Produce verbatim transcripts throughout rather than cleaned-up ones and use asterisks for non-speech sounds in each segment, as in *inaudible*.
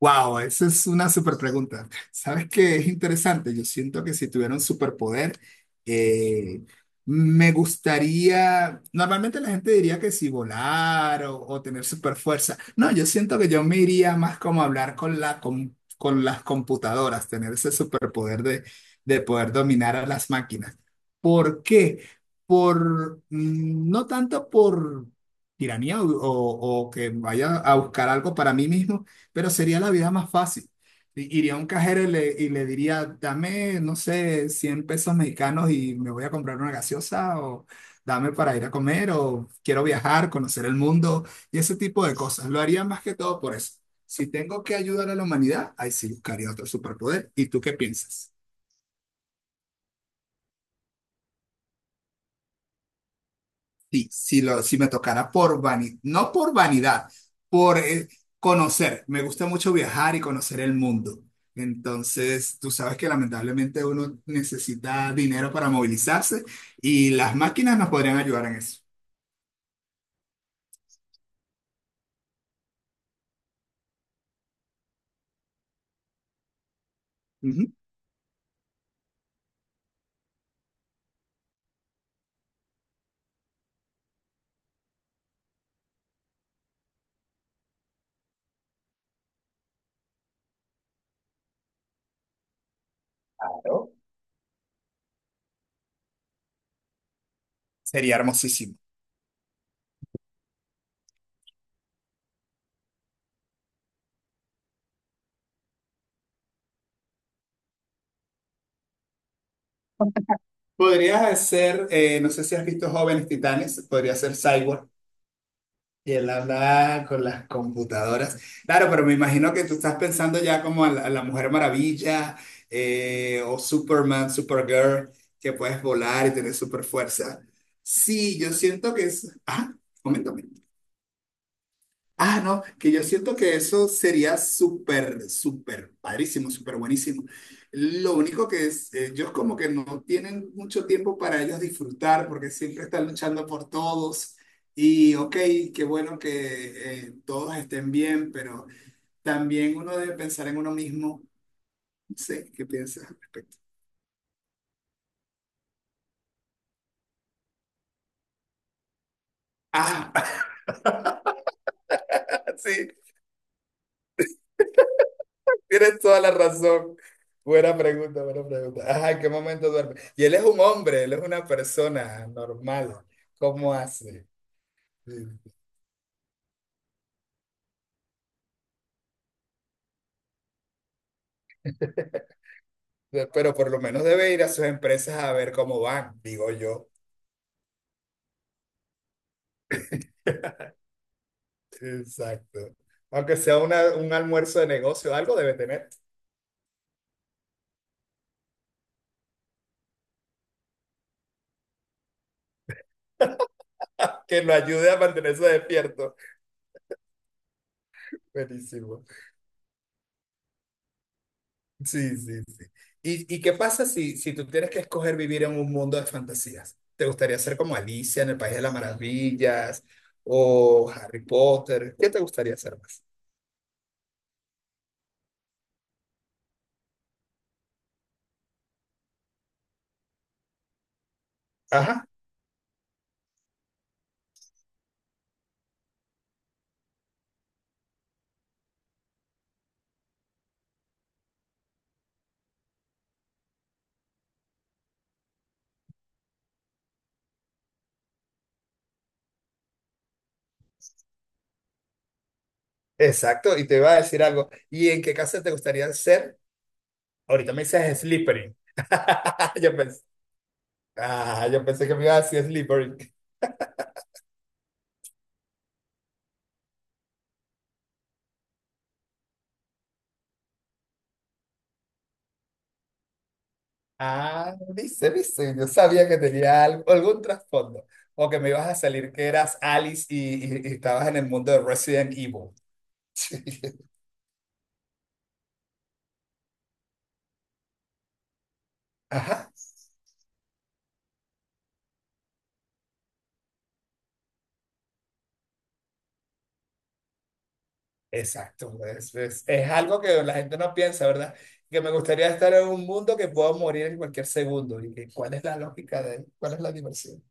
Wow, esa es una super pregunta. *laughs* ¿Sabes qué es interesante? Yo siento que si tuviera un superpoder, eh, me gustaría. Normalmente la gente diría que si volar o, o tener super fuerza. No, yo siento que yo me iría más como a hablar con la, com- con las computadoras, tener ese superpoder de, de poder dominar a las máquinas. ¿Por qué? Por, mm, no tanto por tiranía o o- o que vaya a buscar algo para mí mismo, pero sería la vida más fácil. I- Iría a un cajero y le, y le diría, dame, no sé, cien pesos mexicanos y me voy a comprar una gaseosa, o dame para ir a comer, o quiero viajar, conocer el mundo y ese tipo de cosas. Lo haría más que todo por eso. Si tengo que ayudar a la humanidad, ahí sí buscaría otro superpoder. ¿Y tú qué piensas? Sí, si, lo, si me tocara por vanidad, no por vanidad, por eh, conocer. Me gusta mucho viajar y conocer el mundo. Entonces, tú sabes que lamentablemente uno necesita dinero para movilizarse y las máquinas nos podrían ayudar en eso. Ujú. Claro. Sería hermosísimo. Podrías hacer, eh, no sé si has visto Jóvenes Titanes, podría ser Cyborg. Y él hablaba con las computadoras. Claro, pero me imagino que tú estás pensando ya como a la, a la Mujer Maravilla, eh, o Superman, Supergirl, que puedes volar y tener super fuerza. Sí, yo siento que es. Ah, momento. Ah, no, que yo siento que eso sería súper, súper padrísimo, súper buenísimo. Lo único que es, eh, ellos como que no tienen mucho tiempo para ellos disfrutar porque siempre están luchando por todos. Y ok, qué bueno que eh, todos estén bien, pero también uno debe pensar en uno mismo. No sé, ¿qué piensas al respecto? Ah, *laughs* sí. Tienes toda la razón. Buena pregunta, buena pregunta. Ajá, ¿en qué momento duerme? Y él es un hombre, él es una persona normal. ¿Cómo hace? Sí. Pero por lo menos debe ir a sus empresas a ver cómo van, digo yo. Exacto. Aunque sea una- un almuerzo de negocio, algo debe tener *laughs* que lo ayude a mantenerse despierto. Buenísimo. Sí, sí, sí. ¿Y, y qué pasa si, si, tú tienes que escoger vivir en un mundo de fantasías? ¿Te gustaría ser como Alicia en el País de las Maravillas o Harry Potter? ¿Qué te gustaría ser más? Ajá, exacto. Y te iba a decir algo. ¿Y en qué casa te gustaría ser? Ahorita me dices Slytherin. *laughs* Yo pensé, ah, yo pensé que me iba a decir Slytherin. Ah, dice, dice. Yo sabía que tenía algo- algún trasfondo. O que me ibas a salir que eras Alice y, y- y estabas en el mundo de Resident Evil. *laughs* Ajá, exacto. Es, es- es algo que la gente no piensa, ¿verdad? Que me gustaría estar en un mundo que puedo morir en cualquier segundo. ¿Y que, cuál es la lógica de cuál es la diversión?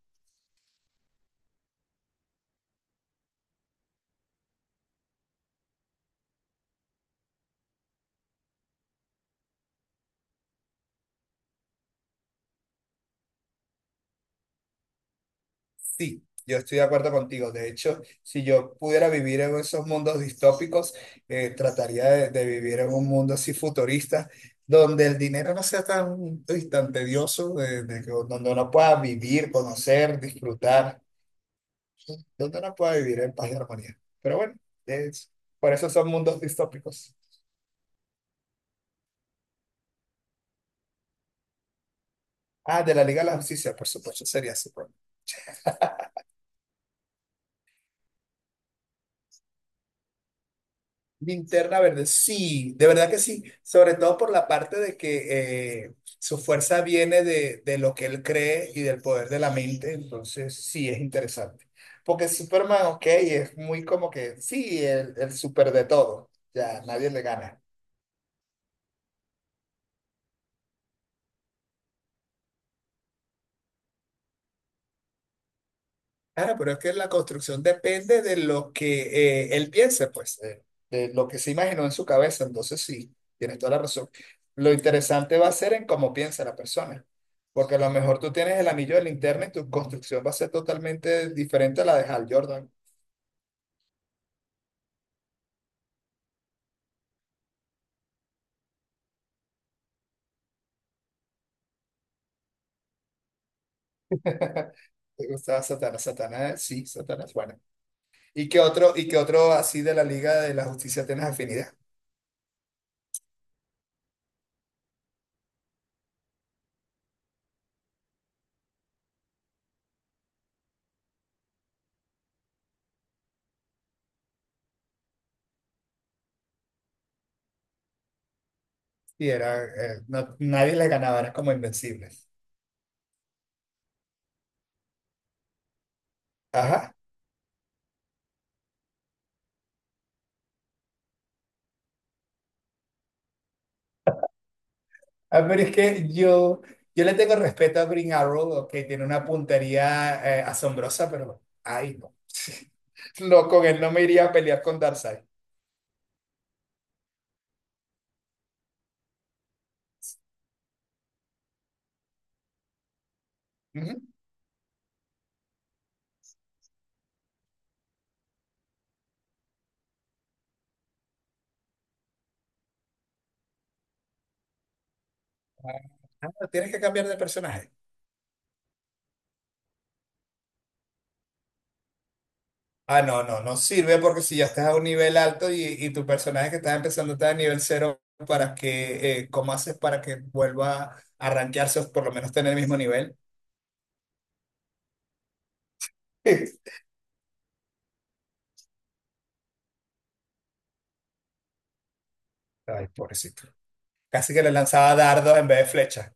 Sí, yo estoy de acuerdo contigo. De hecho, si yo pudiera vivir en esos mundos distópicos, eh, trataría de, de vivir en un mundo así futurista, donde el dinero no sea tan, uy, tan tedioso, de- de que- donde uno pueda vivir, conocer, disfrutar. Donde no pueda vivir en paz y armonía. Pero bueno, es, por eso son mundos distópicos. Ah, de la Liga de la Justicia, por supuesto, sería su problema. Linterna Verde, sí, de verdad que sí, sobre todo por la parte de que eh, su fuerza viene de, de lo que él cree y del poder de la mente, entonces sí es interesante. Porque Superman, ok, es muy como que, sí, el, el super de todo, ya nadie le gana. Claro, pero es que la construcción depende de lo que eh, él piense, pues, eh, de lo que se imaginó en su cabeza. Entonces, sí, tienes toda la razón. Lo interesante va a ser en cómo piensa la persona, porque a lo mejor tú tienes el anillo de linterna y tu construcción va a ser totalmente diferente a la de Hal Jordan. *laughs* ¿Te gustaba Satanás? Satanás, sí, Satanás, bueno. ¿Y qué otro, y qué otro así de la Liga de la Justicia tienes afinidad? Y era, eh, no- nadie le ganaba, eran como invencibles. Ajá. Ah, pero es que yo, yo le tengo respeto a Green Arrow, que tiene una puntería eh, asombrosa, pero ay, no. *laughs* No, con él no me iría a pelear con Darkseid. Ujú. Ah, tienes que cambiar de personaje. Ah, no, no, no sirve porque si ya estás a un nivel alto y, y tu personaje que estás empezando está a nivel cero, ¿para que eh, cómo haces para que vuelva a rankearse o por lo menos tener el mismo nivel? *laughs* Ay, pobrecito. Casi que le lanzaba dardos en vez de flechas.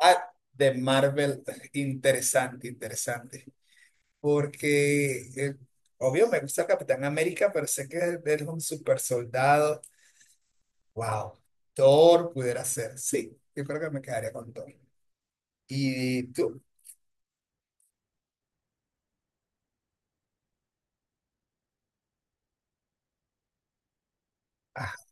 Ah, de Marvel, interesante, interesante. Porque, eh, obvio, me gusta el Capitán América, pero sé que él es un super soldado. Wow, Thor pudiera ser, sí, yo creo que me quedaría con Thor. ¿Y tú? Ah,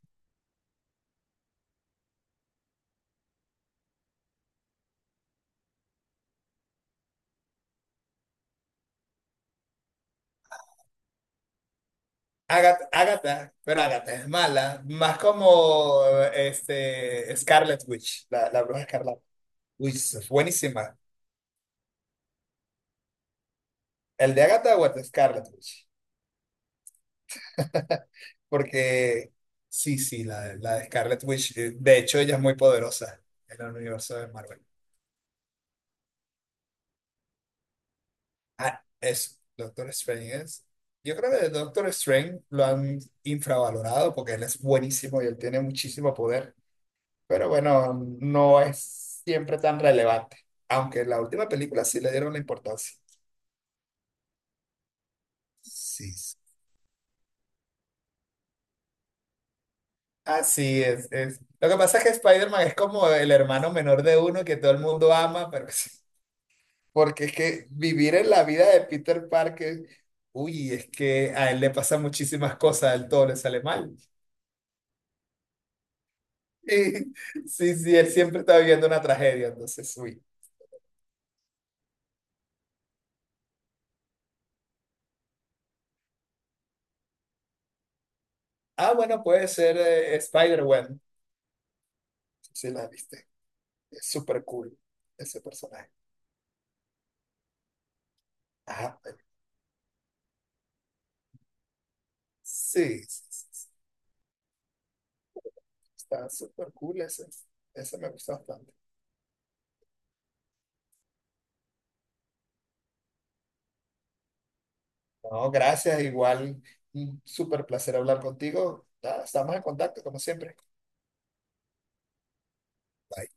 Agatha, Agatha, pero Agatha es mala, más como este, Scarlet Witch, la, la bruja escarlata. Uy, es buenísima. ¿El de Agatha o el de Scarlet Witch? *laughs* Porque sí, sí, la, la de Scarlet Witch, eh, de hecho ella es muy poderosa en el universo de Marvel. Ah, es Doctor Strange es. Yo creo que el Doctor Strange lo han infravalorado porque él es buenísimo y él tiene muchísimo poder, pero bueno, no es siempre tan relevante, aunque en la última película sí le dieron la importancia. Sí, sí. Así es, es. Lo que pasa es que Spider-Man es como el hermano menor de uno que todo el mundo ama, pero *laughs* porque es que vivir en la vida de Peter Parker, uy, es que a él le pasan muchísimas cosas, a él todo le sale mal. *laughs* Sí, sí, sí, él siempre está viviendo una tragedia, entonces, uy. Ah, bueno, puede ser eh, Spider-Gwen, si la viste. Es súper cool ese personaje. Ajá, sí, sí, sí, sí. Está súper cool ese. Ese me gusta bastante. No, gracias, igual, un súper placer hablar contigo. Ah, estamos en contacto, como siempre. Bye.